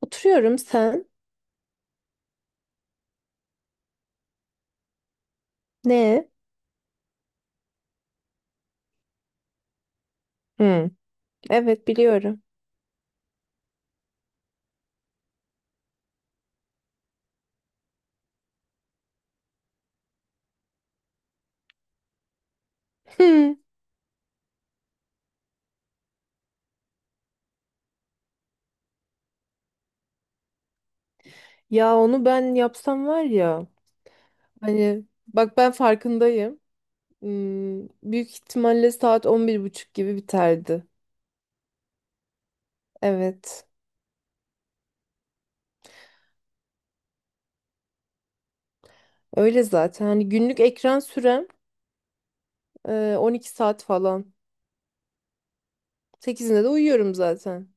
Oturuyorum sen. Ne? Hı. Evet biliyorum. Hı. Ya onu ben yapsam var ya. Hani bak ben farkındayım. Büyük ihtimalle saat 11.30 gibi biterdi. Evet. Öyle zaten. Hani günlük ekran sürem 12 saat falan. Sekizinde de uyuyorum zaten.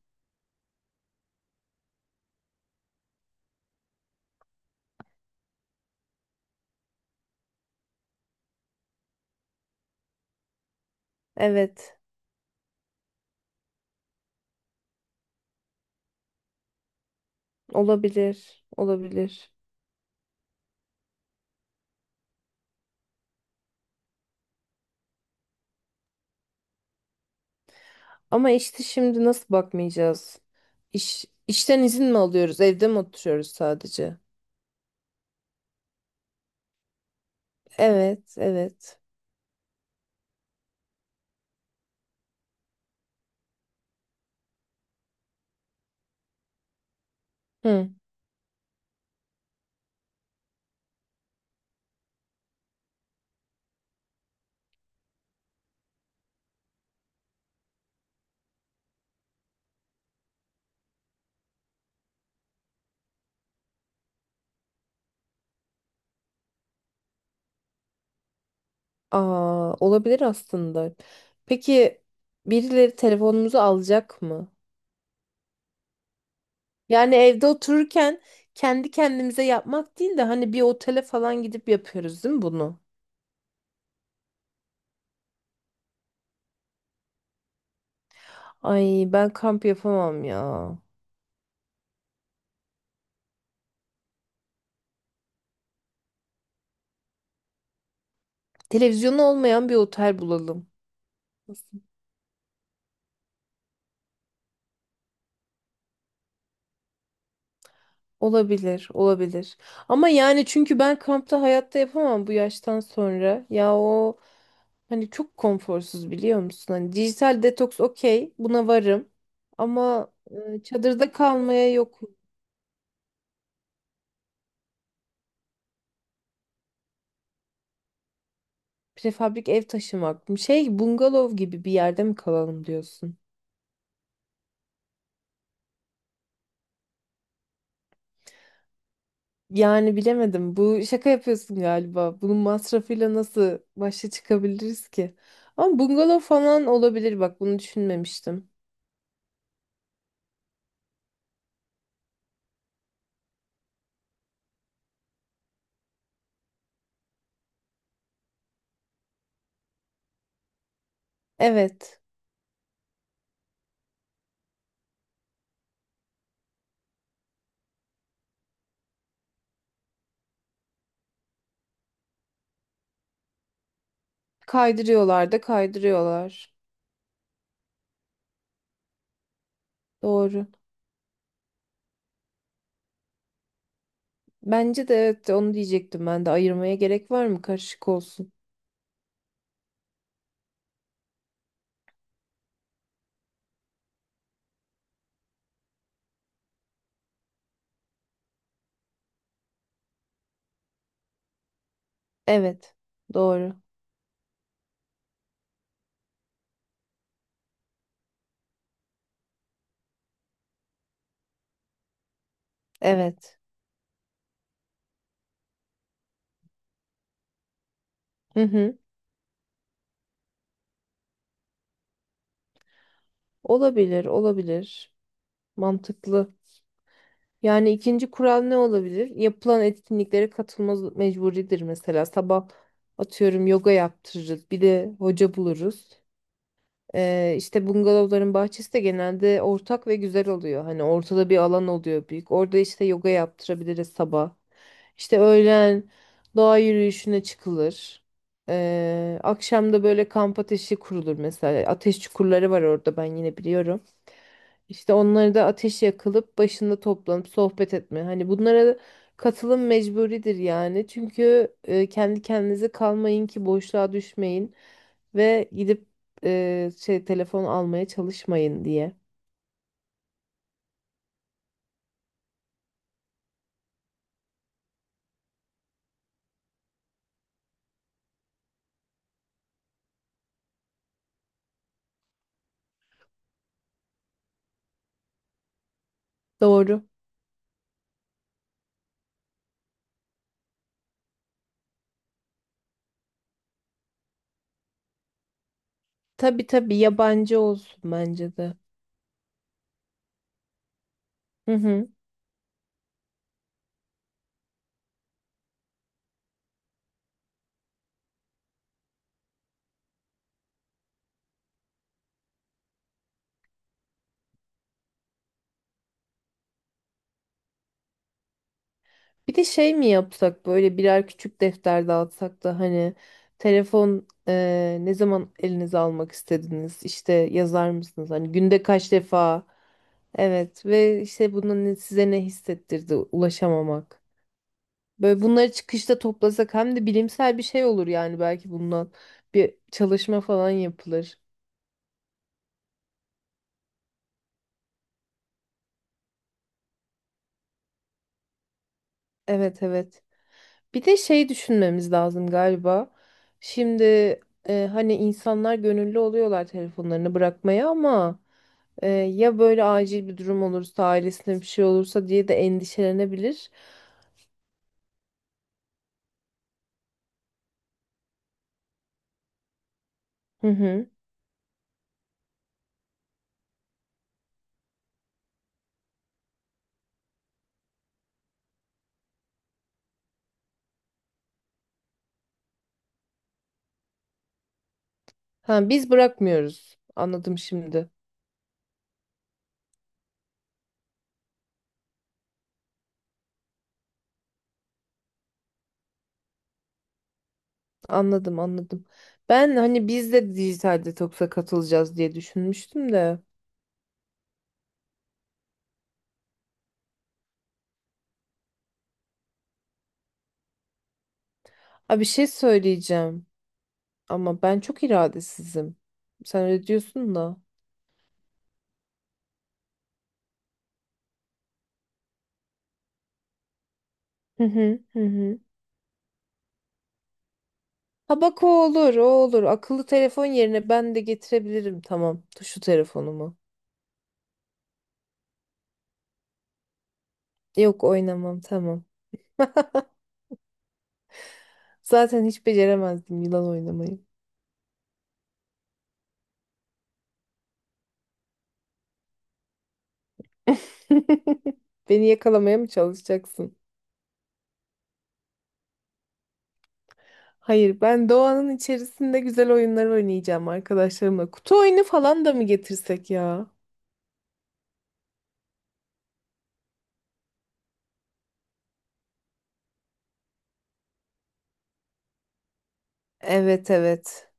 Evet. Olabilir. Olabilir. Ama işte şimdi nasıl bakmayacağız? İşten izin mi alıyoruz? Evde mi oturuyoruz sadece? Evet, evet. Hı. Aa, olabilir aslında. Peki birileri telefonumuzu alacak mı? Yani evde otururken kendi kendimize yapmak değil de hani bir otele falan gidip yapıyoruz değil mi bunu? Ay ben kamp yapamam ya. Televizyonu olmayan bir otel bulalım. Olabilir, olabilir. Ama yani çünkü ben kampta hayatta yapamam bu yaştan sonra. Ya o hani çok konforsuz biliyor musun? Hani dijital detoks okey, buna varım. Ama çadırda kalmaya yok. Prefabrik ev taşımak mı? Şey bungalov gibi bir yerde mi kalalım diyorsun? Yani bilemedim. Bu şaka yapıyorsun galiba. Bunun masrafıyla nasıl başa çıkabiliriz ki? Ama bungalov falan olabilir bak bunu düşünmemiştim. Evet. Kaydırıyorlar da kaydırıyorlar. Doğru. Bence de evet onu diyecektim ben de. Ayırmaya gerek var mı? Karışık olsun. Evet. Doğru. Evet. Hı hı. Olabilir, olabilir. Mantıklı. Yani ikinci kural ne olabilir? Yapılan etkinliklere katılma mecburidir mesela. Sabah atıyorum yoga yaptırırız. Bir de hoca buluruz. İşte bungalovların bahçesi de genelde ortak ve güzel oluyor. Hani ortada bir alan oluyor büyük. Orada işte yoga yaptırabiliriz sabah. İşte öğlen doğa yürüyüşüne çıkılır. Akşam da böyle kamp ateşi kurulur mesela. Ateş çukurları var orada ben yine biliyorum. İşte onları da ateş yakılıp başında toplanıp sohbet etme. Hani bunlara katılım mecburidir yani. Çünkü kendi kendinize kalmayın ki boşluğa düşmeyin ve gidip şey telefon almaya çalışmayın diye. Doğru. Tabii tabii yabancı olsun bence de. Hı hı. Bir de şey mi yapsak böyle birer küçük defter dağıtsak da hani telefon ne zaman elinize almak istediniz? İşte yazar mısınız? Hani günde kaç defa? Evet ve işte bunun size ne hissettirdi ulaşamamak. Böyle bunları çıkışta toplasak hem de bilimsel bir şey olur yani belki bundan bir çalışma falan yapılır. Evet evet. Bir de şey düşünmemiz lazım galiba. Şimdi hani insanlar gönüllü oluyorlar telefonlarını bırakmaya ama ya böyle acil bir durum olursa ailesine bir şey olursa diye de endişelenebilir. Hı hı. Ha, biz bırakmıyoruz. Anladım şimdi. Anladım anladım. Ben hani biz de dijital detoksa katılacağız diye düşünmüştüm de. Abi bir şey söyleyeceğim ama ben çok iradesizim. Sen öyle diyorsun da. Hı hı hı hı. Ha bak o olur o olur. Akıllı telefon yerine ben de getirebilirim tamam. Tuşlu telefonumu. Yok oynamam tamam. Zaten hiç beceremezdim yılan oynamayı. Beni yakalamaya mı çalışacaksın? Hayır, ben doğanın içerisinde güzel oyunlar oynayacağım arkadaşlarımla. Kutu oyunu falan da mı getirsek ya? Evet evet.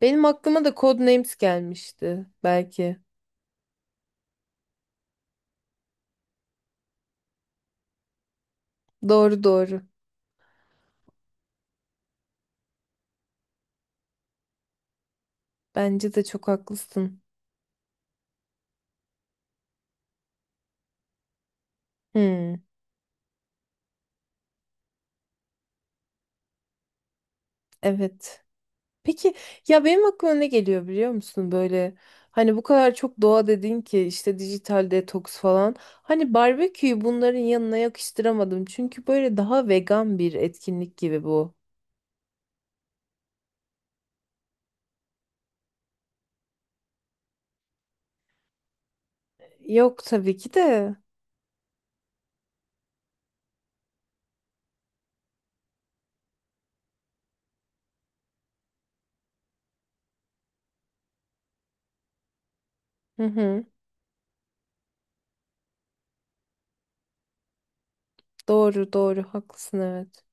Benim aklıma da Codenames gelmişti belki. Doğru doğru. Bence de çok haklısın. Hmm, evet. Peki ya benim aklıma ne geliyor biliyor musun böyle? Hani bu kadar çok doğa dedin ki işte dijital detoks falan. Hani barbeküyü bunların yanına yakıştıramadım. Çünkü böyle daha vegan bir etkinlik gibi bu. Yok tabii ki de. Hı hı. Doğru doğru haklısın evet.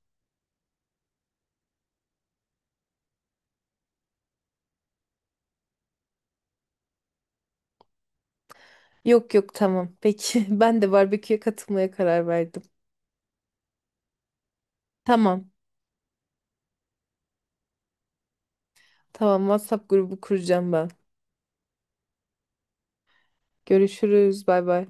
Yok yok tamam peki ben de barbeküye katılmaya karar verdim. Tamam tamam WhatsApp grubu kuracağım ben. Görüşürüz bay bay.